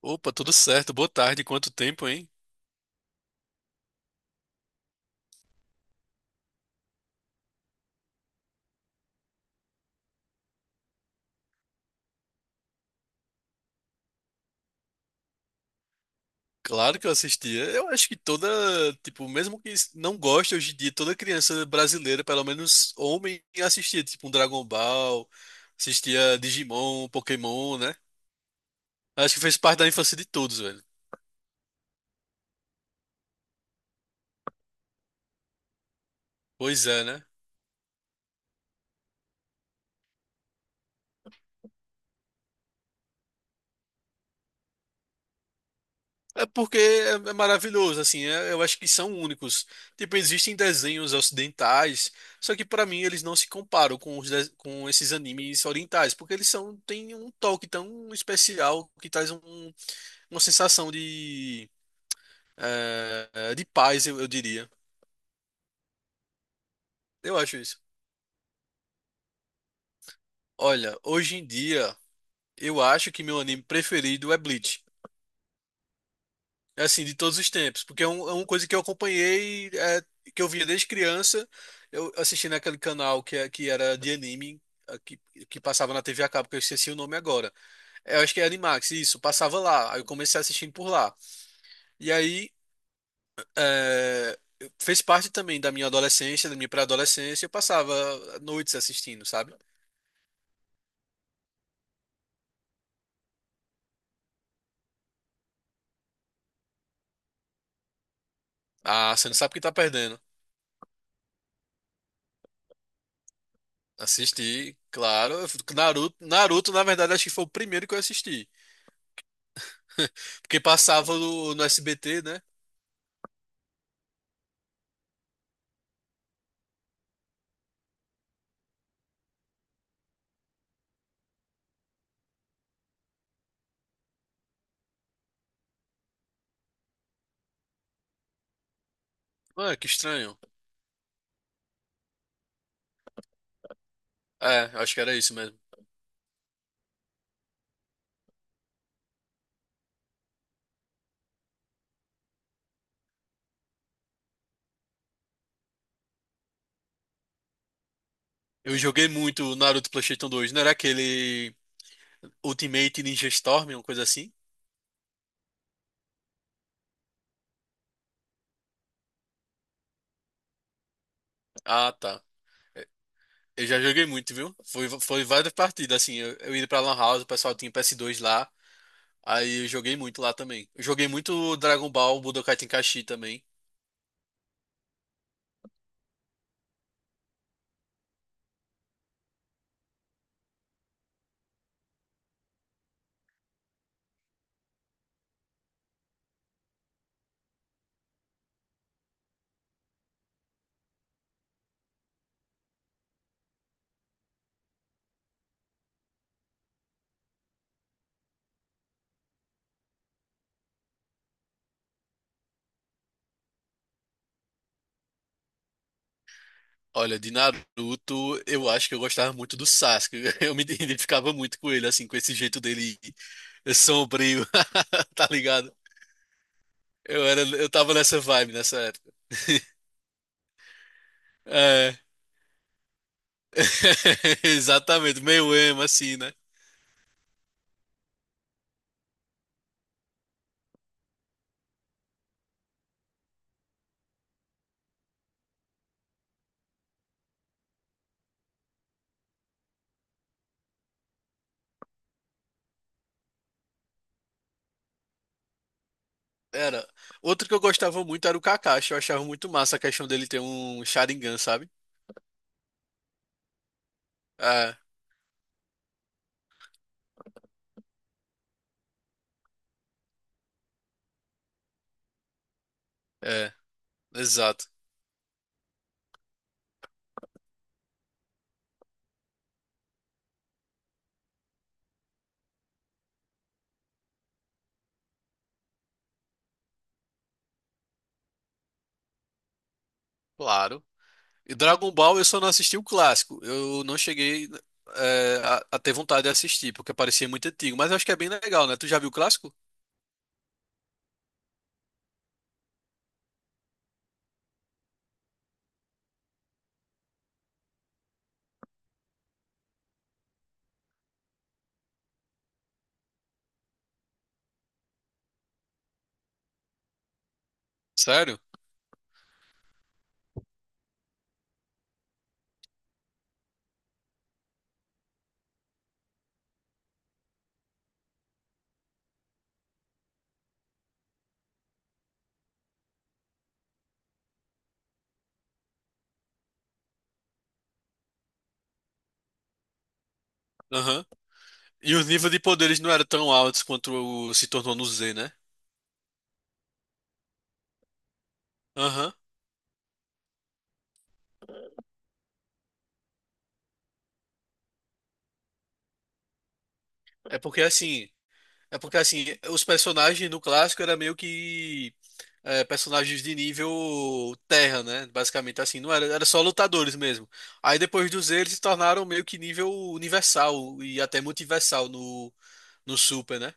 Opa, tudo certo. Boa tarde. Quanto tempo, hein? Claro que eu assistia. Eu acho que toda, tipo, mesmo que não goste hoje em dia, toda criança brasileira, pelo menos homem, assistia, tipo, um Dragon Ball, assistia Digimon, Pokémon, né? Acho que fez parte da infância de todos, velho. Pois é, né? É porque é maravilhoso, assim, eu acho que são únicos. Tipo, existem desenhos ocidentais, só que pra mim eles não se comparam com com esses animes orientais, porque eles são têm um toque tão especial que traz uma sensação de de paz, eu diria. Eu acho isso. Olha, hoje em dia eu acho que meu anime preferido é Bleach. Assim, de todos os tempos, porque é uma coisa que eu acompanhei, é, que eu via desde criança, eu assisti naquele canal que era de anime, é, que, que passava na TV a cabo, que eu esqueci o nome agora. É, eu acho que é Animax, isso, passava lá, aí eu comecei assistindo por lá. E aí, é, fez parte também da minha adolescência, da minha pré-adolescência, eu passava noites assistindo, sabe? Ah, você não sabe o que tá perdendo. Assisti, claro. Naruto, na verdade, acho que foi o primeiro que eu assisti. Porque passava no SBT, né? Ah, que estranho. É, acho que era isso mesmo. Eu joguei muito o Naruto PlayStation dois. Não era aquele Ultimate Ninja Storm, uma coisa assim? Ah, tá. É, eu já joguei muito, viu? Foi várias partidas, assim. Eu ia pra Lan House, o pessoal tinha ps dois lá. Aí eu joguei muito lá também. Eu joguei muito Dragon Ball, Budokai Tenkaichi também. Olha, de Naruto, eu acho que eu gostava muito do Sasuke. Eu me identificava muito com ele, assim, com esse jeito dele sombrio, tá ligado? Eu era, eu tava nessa vibe nessa época. É, exatamente, meio emo, assim, né? Era. Outro que eu gostava muito era o Kakashi. Eu achava muito massa a questão dele ter um Sharingan, sabe? É, é, exato. Claro. E Dragon Ball eu só não assisti o clássico. Eu não cheguei, é, a ter vontade de assistir, porque parecia muito antigo. Mas eu acho que é bem legal, né? Tu já viu o clássico? Sério? Aham. E os níveis de poderes não eram tão altos quanto se tornou no Z, né? Aham. É porque assim. É porque assim, os personagens no clássico era meio que, é, personagens de nível terra, né? Basicamente assim, não era, era só lutadores mesmo. Aí depois dos eles se tornaram meio que nível universal e até multiversal no Super, né?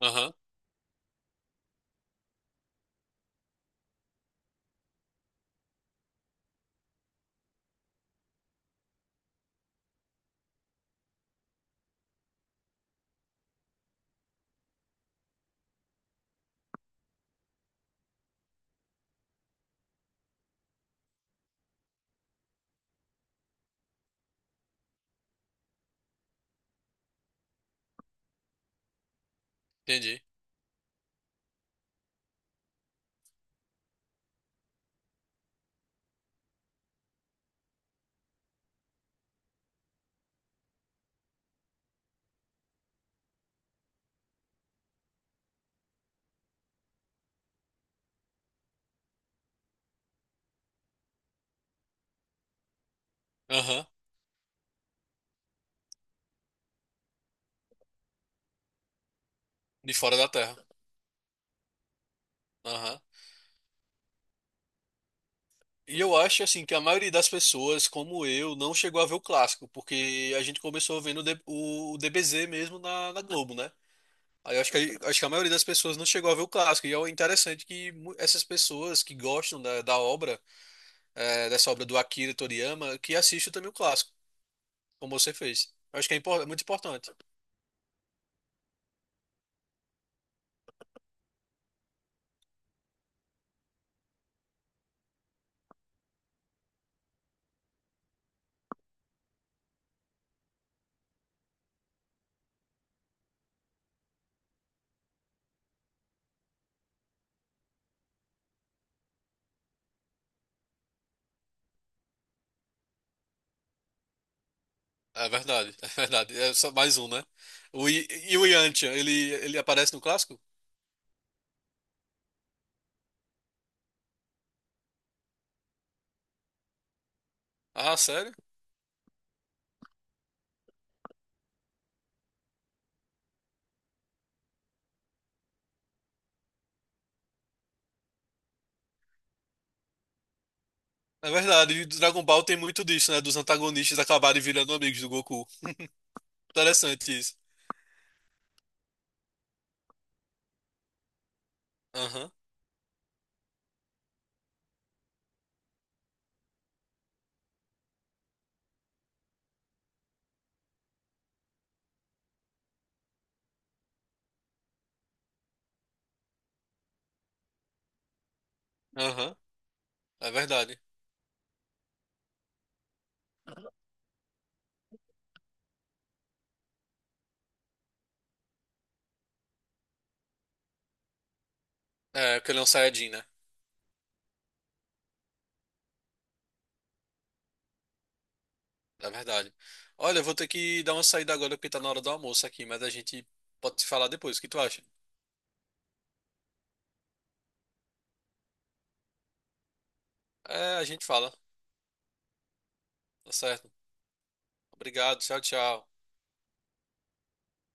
Aham, entendi. Aham, de fora da Terra. Aham. E eu acho assim que a maioria das pessoas, como eu, não chegou a ver o clássico, porque a gente começou vendo o DBZ mesmo na Globo, né? Aí eu acho que, acho que a maioria das pessoas não chegou a ver o clássico. E é interessante que essas pessoas que gostam da obra, é, dessa obra do Akira Toriyama, que assistem também o clássico, como você fez. Eu acho que é, é muito importante. É verdade, é verdade. É só mais um, né? E o Yantia, ele aparece no clássico? Ah, sério? É verdade. E Dragon Ball tem muito disso, né? Dos antagonistas acabarem virando amigos do Goku. Interessante isso. Aham, aham. É verdade. É, porque ele é um Saiyajin, né? É verdade. Olha, eu vou ter que dar uma saída agora porque tá na hora do almoço aqui, mas a gente pode se falar depois. O que tu acha? É, a gente fala. Tá certo. Obrigado. Tchau, tchau.